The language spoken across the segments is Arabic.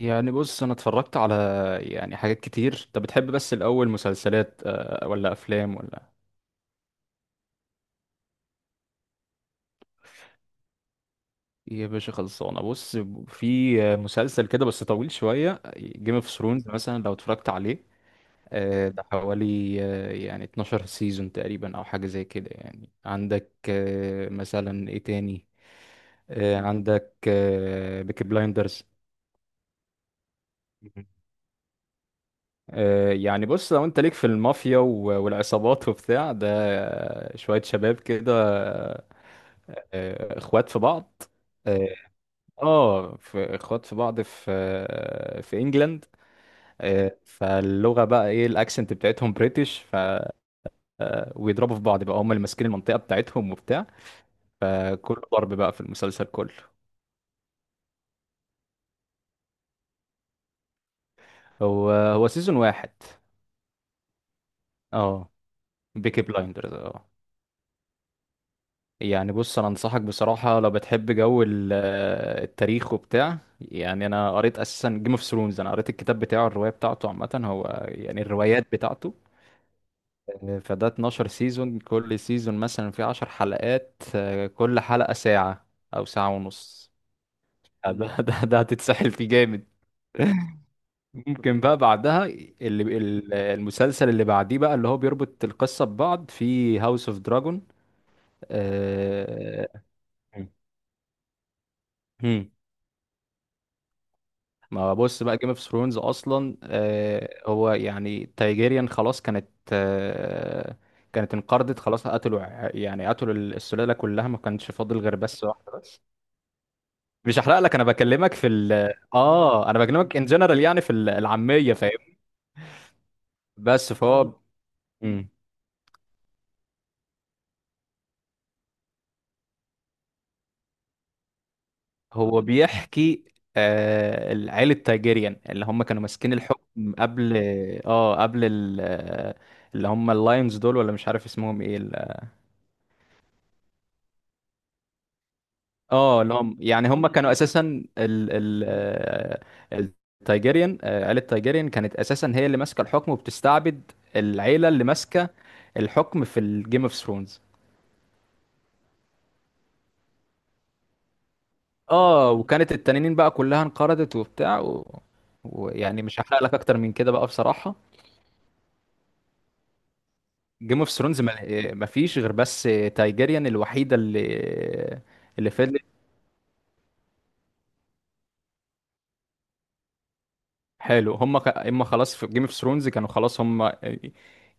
يعني بص، انا اتفرجت على يعني حاجات كتير انت بتحب. بس الاول مسلسلات، ولا افلام ولا إيه؟ يا باشا، خلصانه. بص، في مسلسل كده بس طويل شويه، جيم اوف ثرونز مثلا لو اتفرجت عليه. ده حوالي يعني 12 سيزون تقريبا او حاجه زي كده. يعني عندك مثلا ايه تاني؟ عندك بيكي بلايندرز. مهم. يعني بص، لو انت ليك في المافيا والعصابات وبتاع ده، شوية شباب كده، اخوات في بعض. اه، في اخوات في بعض في انجلند. فاللغه بقى ايه؟ الاكسنت بتاعتهم بريتش. ف ويضربوا في بعض بقى، هم اللي ماسكين المنطقه بتاعتهم وبتاع، فكله ضرب بقى في المسلسل كله. هو سيزون واحد. اه بيكي بلايندرز اه. يعني بص، انا انصحك بصراحه، لو بتحب جو التاريخ وبتاع، يعني انا قريت اساسا جيم اوف ثرونز، انا قريت الكتاب بتاعه، الروايه بتاعته، عامه هو يعني الروايات بتاعته. فده 12 سيزون، كل سيزون مثلا فيه 10 حلقات، كل حلقة ساعة أو ساعة ونص. ده هتتسحل فيه جامد. ممكن بقى بعدها اللي المسلسل اللي بعديه بقى اللي هو بيربط القصة ببعض، في هاوس اوف دراجون. هم. ما بص بقى، جيم اوف ثرونز اصلا هو يعني تايجيريان خلاص كانت انقرضت خلاص، قتلوا يعني قتلوا السلالة كلها، ما كانش فاضل غير بس واحدة. مش هحرق لك، انا بكلمك في ال. اه انا بكلمك ان جنرال، يعني في العاميه، فاهم. بس فهو. مم. هو بيحكي آه العيله تايجيريان اللي هم كانوا ماسكين الحكم قبل، اه قبل ال... اللي هم اللاينز دول ولا مش عارف اسمهم ايه اه اللي هم يعني هم كانوا اساسا ال التايجيريان، عيله تايجيريان كانت اساسا هي اللي ماسكه الحكم، وبتستعبد العيله اللي ماسكه الحكم في الجيم اوف ثرونز. اه، وكانت التنانين بقى كلها انقرضت وبتاع و... ويعني مش هحرق لك اكتر من كده بقى بصراحة. جيم اوف ثرونز ما... ما فيش غير بس تايجيريان الوحيدة اللي فضلت. حلو، هم ك... اما خلاص في جيم اوف ثرونز كانوا خلاص هم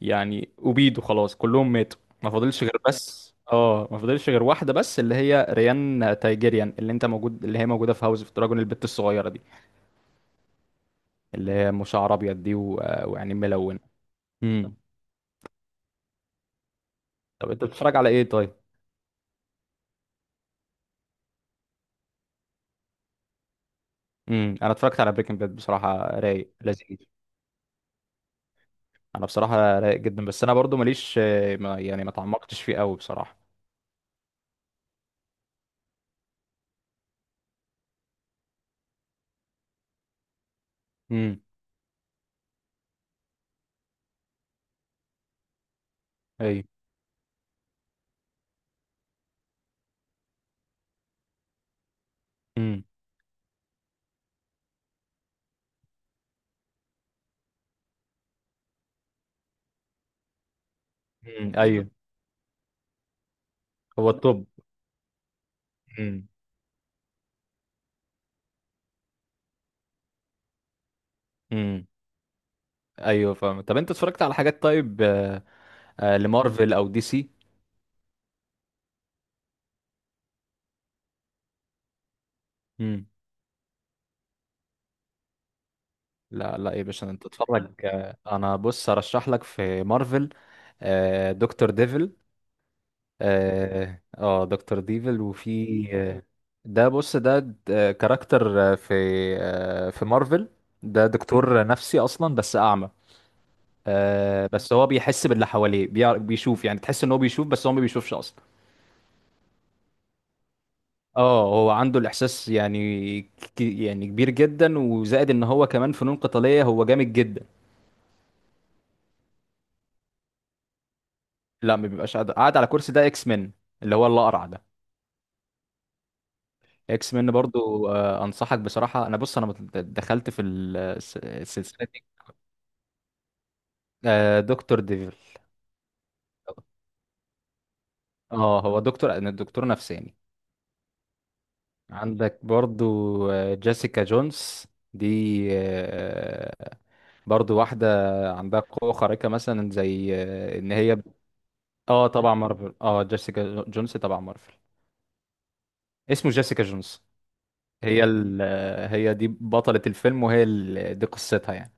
يعني أبيدوا خلاص كلهم ماتوا، ما فاضلش غير بس اه، ما فاضلش غير واحدة بس، اللي هي ريان تايجيريان اللي انت موجود، اللي هي موجودة في هاوس اوف دراجون، البت الصغيرة دي اللي هي مشعر ابيض دي و... ويعني ملونة. امم. طب انت بتتفرج على ايه طيب؟ انا اتفرجت على بريكنج باد، بصراحه رايق لذيذ. انا بصراحه رايق جدا، بس انا برضو ماليش ما يعني ما تعمقتش فيه قوي بصراحه. امم ايوه. امم. ايوه. هو الطب. امم. امم ايوه فاهم. طب انت اتفرجت على حاجات طيب، لمارفل او دي سي؟ امم. لا لا، ايه باشا انت اتفرج، انا بص ارشح لك في مارفل دكتور ديفل. اه دكتور ديفل، وفي ده بص ده كاركتر في في مارفل. ده دكتور نفسي اصلا بس اعمى. بس هو بيحس باللي حواليه، بيعرف بيشوف يعني، تحس ان هو بيشوف بس هو ما بيشوفش اصلا. اه هو عنده الاحساس يعني يعني كبير جدا وزائد، ان هو كمان فنون قتاليه، هو جامد جدا. لا، ما بيبقاش قاعد على كرسي. ده اكس مين اللي هو الاقرع ده. اكس مين برضو انصحك بصراحه، انا بص انا دخلت في السلسله. آه دكتور ديفل. اه هو دكتور، أنا دكتور نفساني. عندك برضو جيسيكا جونز. دي برضو واحدة عندها قوة خارقة، مثلا زي ان هي. اه طبعا مارفل، اه جيسيكا جونز طبعا مارفل. اسمه جيسيكا جونز. هي ال... هي دي بطلة الفيلم، وهي ال... دي قصتها يعني.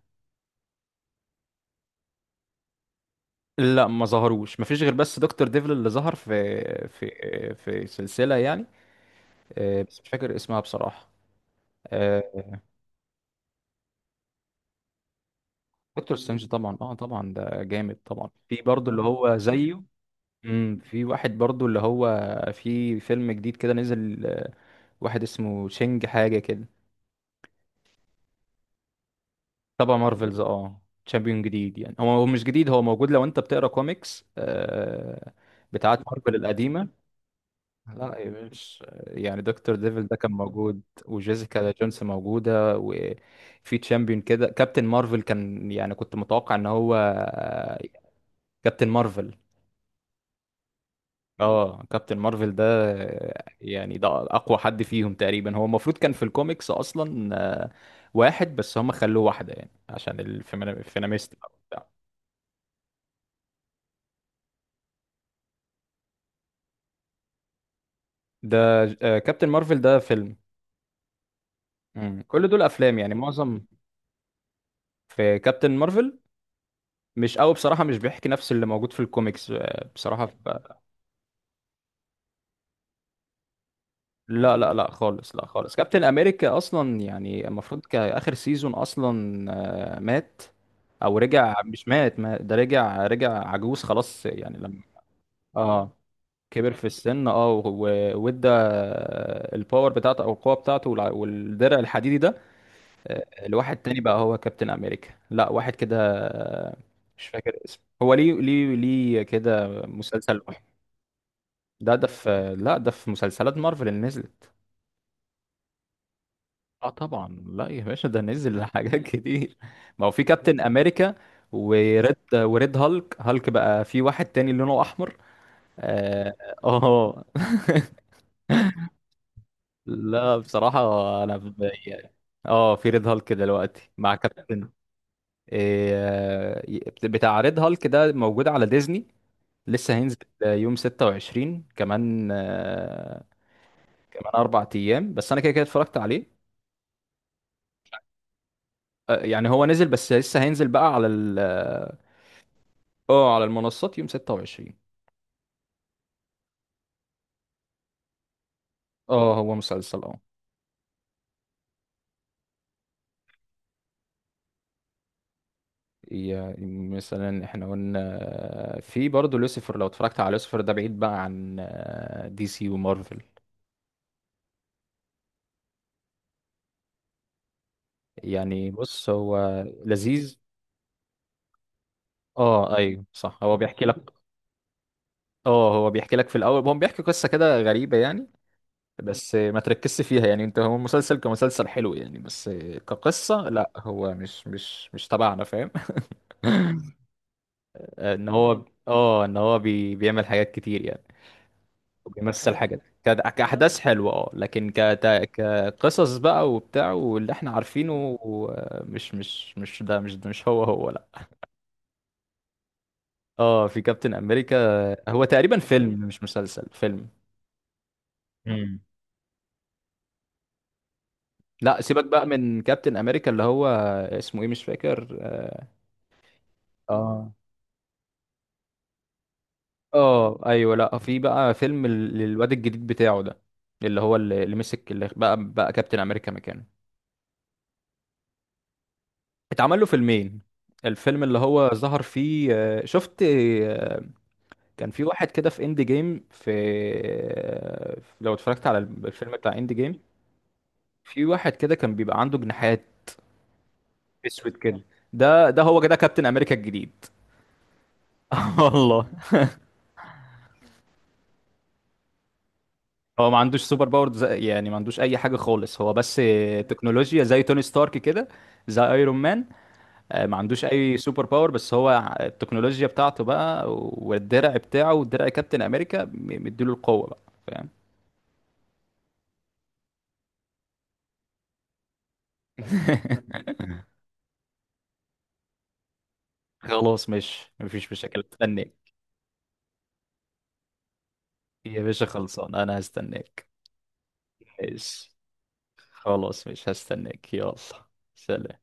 لا ما ظهروش، ما فيش غير بس دكتور ديفل اللي ظهر في في في سلسلة يعني، بس مش فاكر اسمها بصراحة. آه، دكتور سترينج طبعا، اه طبعا ده جامد طبعا. في برضو اللي هو زيه. امم. في واحد برضو اللي هو في فيلم جديد كده نزل، واحد اسمه تشينج حاجة كده. تبع مارفلز اه. تشامبيون جديد، يعني هو مش جديد، هو موجود لو انت بتقرا كوميكس بتاعت مارفل القديمة. لا يا باشا، يعني دكتور ديفل ده كان موجود، وجيسيكا جونز موجودة، وفي تشامبيون كده. كابتن مارفل كان يعني كنت متوقع ان هو كابتن مارفل. اه كابتن مارفل ده يعني ده اقوى حد فيهم تقريبا، هو المفروض كان في الكوميكس اصلا آه، واحد، بس هم خلوه واحده يعني عشان الفيناميست بقى وبتاع. ده كابتن مارفل ده فيلم. مم. كل دول افلام يعني معظم. في كابتن مارفل مش قوي بصراحه، مش بيحكي نفس اللي موجود في الكوميكس، بصراحه. لا خالص، لا خالص، كابتن امريكا اصلا يعني المفروض كاخر سيزون اصلا مات او رجع، مش مات، ما ده رجع، رجع عجوز خلاص يعني، لما اه كبر في السن، اه وادى الباور بتاعته او القوه بتاعته والدرع الحديدي ده لواحد تاني بقى، هو كابتن امريكا، لا واحد كده مش فاكر اسمه، هو ليه ليه كده مسلسل لوحده. ده في، لا ده في مسلسلات مارفل اللي نزلت. اه طبعا، لا يا باشا ده نزل حاجات كتير. ما هو في كابتن امريكا، وريد هالك بقى، في واحد تاني لونه احمر. اه آه. لا بصراحة، انا ب- اه في ريد هالك دلوقتي مع كابتن. إيه بتاع ريد هالك ده موجود على ديزني، لسه هينزل يوم 26، كمان كمان 4 ايام بس، انا كده كده اتفرجت عليه. يعني هو نزل بس لسه هينزل بقى على اه على المنصات يوم 26. اه هو مسلسل اه. يا- مثلا احنا قلنا في برضه لوسيفر، لو اتفرجت على لوسيفر ده بعيد بقى عن دي سي ومارفل. يعني بص هو لذيذ. اه ايوه صح، هو بيحكي لك. اه هو بيحكي لك في الاول، هو بيحكي قصة كده غريبة يعني، بس ما تركزش فيها يعني انت. هو مسلسل كمسلسل حلو يعني، بس كقصة لا، هو مش تبعنا فاهم. ان هو اه ان هو بي بيعمل حاجات كتير يعني. بيمثل حاجة كأحداث حلوة اه، لكن كت... كقصص بقى وبتاع واللي احنا عارفينه، مش ده، مش ده، مش هو لا. اه في كابتن أمريكا هو تقريبا فيلم مش مسلسل، فيلم. امم. لا سيبك بقى من كابتن أمريكا اللي هو اسمه ايه مش فاكر اه اه، ايوه، لا في بقى فيلم للواد الجديد بتاعه ده، اللي هو اللي مسك، اللي بقى كابتن أمريكا مكانه. اتعمل له فيلمين. الفيلم اللي هو ظهر فيه شفت كان في واحد كده في اند جيم، في لو اتفرجت على الفيلم بتاع اند جيم. في واحد كده كان بيبقى عنده جناحات اسود كده، ده هو كده كابتن امريكا الجديد. والله. هو ما عندوش سوبر باور زي- يعني ما عندوش اي حاجه خالص، هو بس تكنولوجيا زي توني ستارك كده، زي ايرون مان، ما عندوش اي سوبر باور، بس هو التكنولوجيا بتاعته بقى، والدرع بتاعه ودرع كابتن امريكا مديله القوه بقى، فاهم. خلاص، مش مفيش مشاكل، استناك. يا باشا خلصان، انا هستناك. ماشي، خلاص مش هستناك، يلا. سلام.